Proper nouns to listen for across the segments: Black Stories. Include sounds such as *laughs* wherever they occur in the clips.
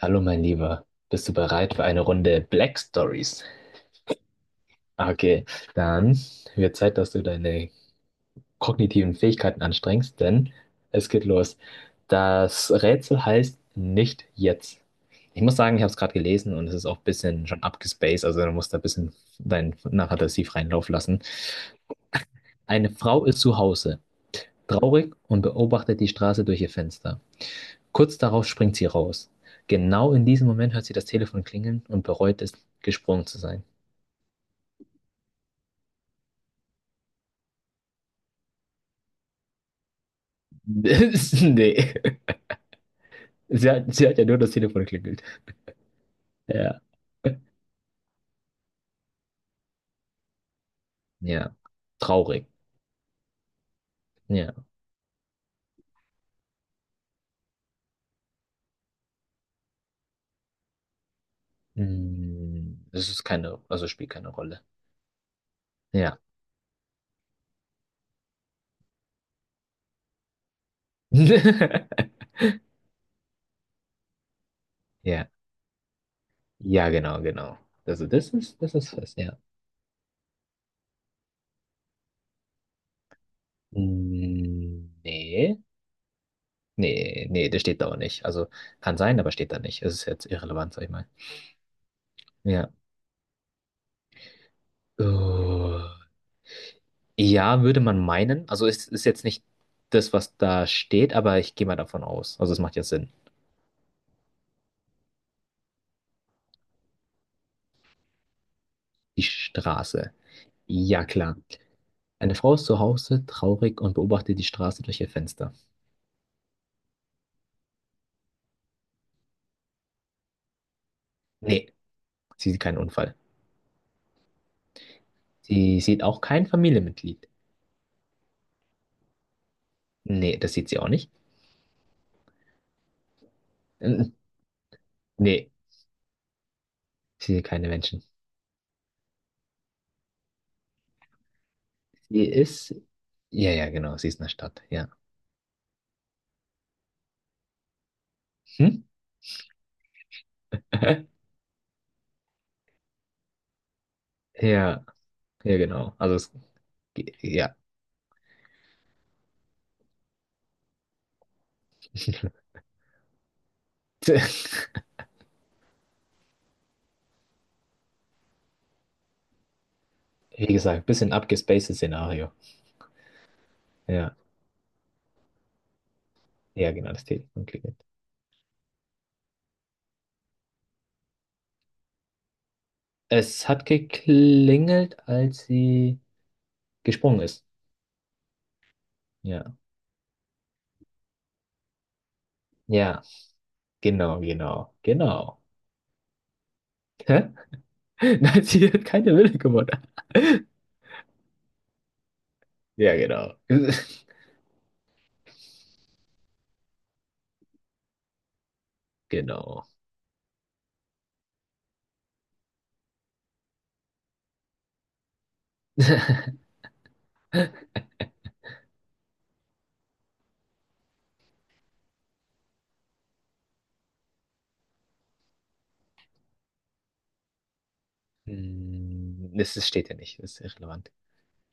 Hallo, mein Lieber. Bist du bereit für eine Runde Black Stories? Okay, dann wird Zeit, dass du deine kognitiven Fähigkeiten anstrengst, denn es geht los. Das Rätsel heißt nicht jetzt. Ich muss sagen, ich habe es gerade gelesen und es ist auch ein bisschen schon abgespaced, also du musst da ein bisschen deinen Narrativ freien Lauf lassen. Eine Frau ist zu Hause, traurig und beobachtet die Straße durch ihr Fenster. Kurz darauf springt sie raus. Genau in diesem Moment hört sie das Telefon klingeln und bereut es, gesprungen zu sein. *laughs* Nee. Sie hat ja nur das Telefon geklingelt. Ja. Ja. Traurig. Ja. Mm, das ist keine, also spielt keine Rolle. Ja. *laughs* Ja. Ja, genau, genau. Also das ist fest, ja. Mm, nee. Nee, nee, das steht da auch nicht. Also kann sein, aber steht da nicht. Es ist jetzt irrelevant, sag ich mal. Ja. Uh, ja, würde man meinen. Also es ist jetzt nicht das, was da steht, aber ich gehe mal davon aus. Also es macht ja Sinn. Die Straße. Ja, klar. Eine Frau ist zu Hause traurig und beobachtet die Straße durch ihr Fenster. Nee, sie sieht keinen Unfall. Sie sieht auch kein Familienmitglied. Nee, das sieht sie auch nicht. Mm, nee, sie sieht keine Menschen. Sie ist. Ja, ja, genau, sie ist in der Stadt. Ja. Hm? *laughs* Ja, ja, genau. Also, es, ja. *laughs* Wie gesagt, bisschen abgespacedes Szenario. Ja, ja, genau, das Telefon klingelt. Es hat geklingelt, als sie gesprungen ist. Ja. Ja, genau, genau, genau. Hä? *laughs* Nein, sie hat keine Wille gewonnen. Ja, genau. *laughs* Genau. Hm, es ist- steht ja nicht, es ist irrelevant.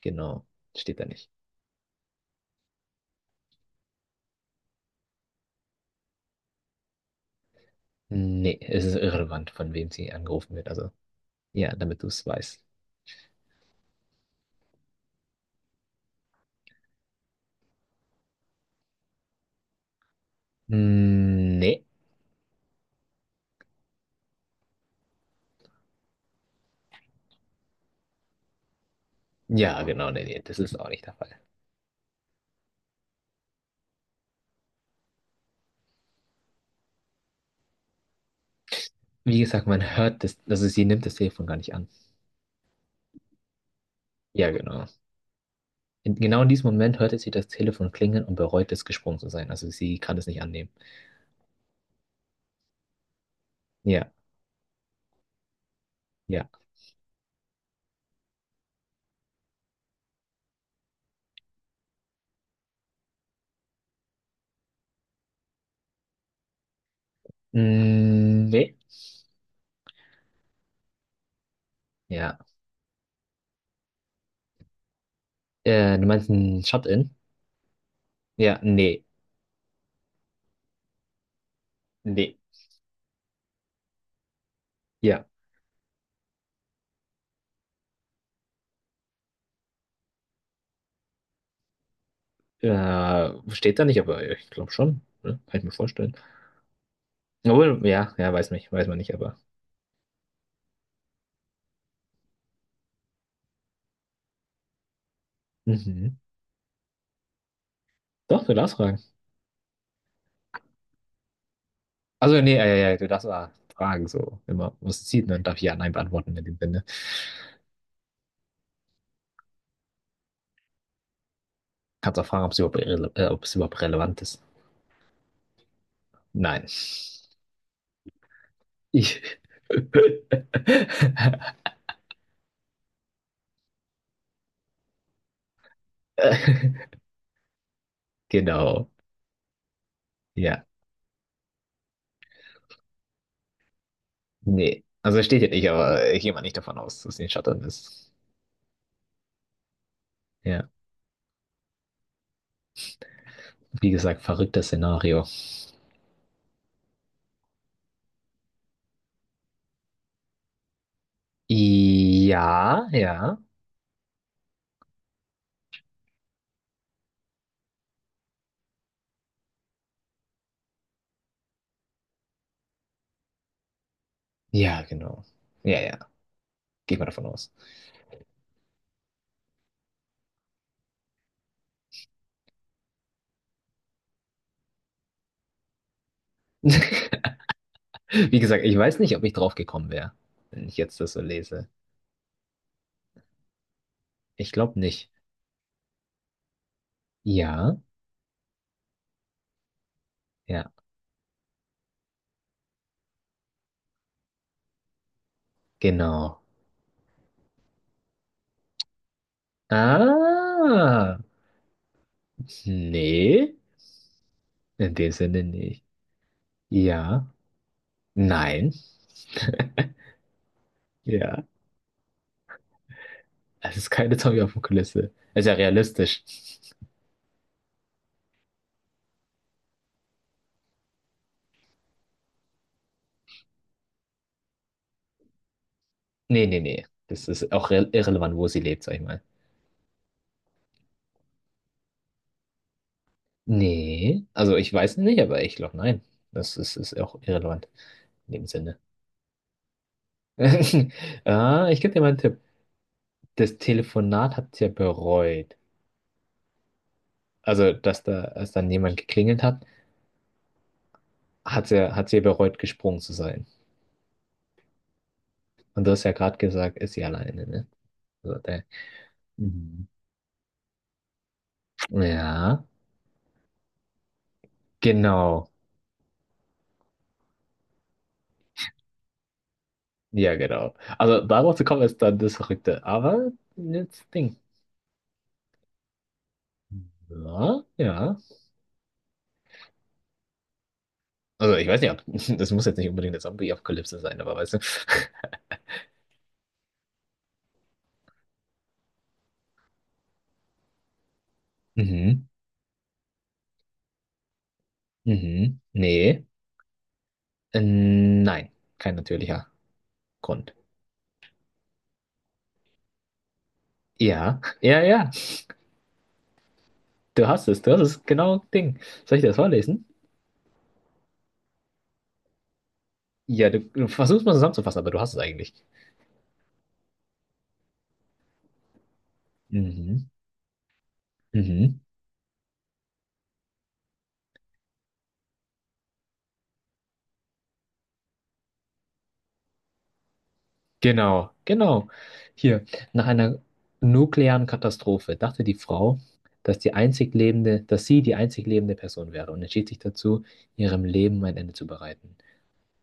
Genau, steht da nicht. Nee, es ist irrelevant, von wem sie angerufen wird. Also, ja, damit du es weißt. Hm, nee. Ja, genau, nee, nee, das ist auch nicht der Fall. Wie gesagt, man hört das, also sie nimmt das Telefon gar nicht an. Ja, genau. In, genau in diesem Moment hörte sie das Telefon klingeln und bereut es, gesprungen zu sein. Also sie kann es nicht annehmen. Ja, ja. Mm, nee. Ja. Du meinst ein Shut-in? Ja, nee. Nee. Ja. Steht da nicht, aber ich glaube schon. Ne? Kann ich mir vorstellen. Obwohl, ja, ja, weiß nicht, weiß man nicht, aber. Mhm. Doch, du darfst fragen. Also, nee, ja, ja, du darfst auch fragen, so immer. Was zieht, und dann darf ich ja Nein beantworten in dem Sinne. Kannst auch fragen, ob es überhaupt, ob es überhaupt relevant ist. Nein. Ich. *laughs* Genau. Ja. Nee, also steht hier nicht, aber ich gehe mal nicht davon aus, dass sie in Schottland ist. Ja, wie gesagt, verrücktes Szenario. Ja, ja. Ja, genau. Ja, ja. Gehe mal davon aus. *laughs* Wie gesagt, ich weiß nicht, ob ich drauf gekommen wäre, wenn ich jetzt das so lese. Ich glaube nicht. Ja, ja, genau. Ah, nee, in dem Sinne nicht. Ja, nein, *laughs* ja. Es ist keine Zombie-Apokalypse. Es ist ja realistisch. Nee, nee, nee. Das ist auch irrelevant, wo sie lebt, sag ich mal. Nee, also ich weiß nicht, aber ich glaube, nein. Das ist auch irrelevant in dem Sinne. *laughs* Ah, ich gebe dir mal einen Tipp. Das Telefonat hat sie ja bereut. Also, dass da, als dann jemand geklingelt hat, hat sie ja bereut, gesprungen zu sein. Und du hast ja gerade gesagt, ist sie alleine, ne? Also, der, mhm. Ja, genau. Ja, genau. Also, darauf zu kommen, ist dann das Verrückte. Aber, jetzt Ding. Ja, ja. Also ich weiß nicht, ob, *laughs* das muss jetzt nicht unbedingt eine Zombie-Apokalypse sein, aber weißt du. *laughs* Mhm. Mhm. Nee. Nein. Kein natürlicher Grund. Ja. Ja, ja. Du hast es. Du hast es. Genau Ding. Soll ich dir das vorlesen? Ja, du versuchst mal zusammenzufassen, aber du hast es eigentlich. Mhm. Mhm. Genau. Genau. Hier. Nach einer nuklearen Katastrophe dachte die Frau, dass die einzig lebende, dass sie die einzig lebende Person wäre und entschied sich dazu, ihrem Leben ein Ende zu bereiten.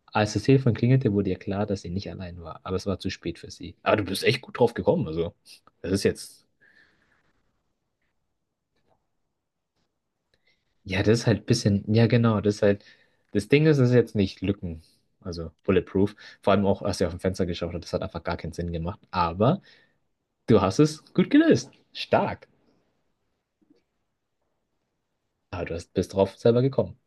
Als das Telefon klingelte, wurde ihr klar, dass sie nicht allein war, aber es war zu spät für sie. Aber du bist echt gut drauf gekommen, also. Das ist jetzt. Ja, das ist halt ein bisschen. Ja, genau, das ist halt. Das Ding ist, es ist jetzt nicht Lücken. Also bulletproof. Vor allem auch, als sie auf dem Fenster geschaut hat, das hat einfach gar keinen Sinn gemacht. Aber du hast es gut gelöst. Stark. Aber du hast, bist drauf selber gekommen.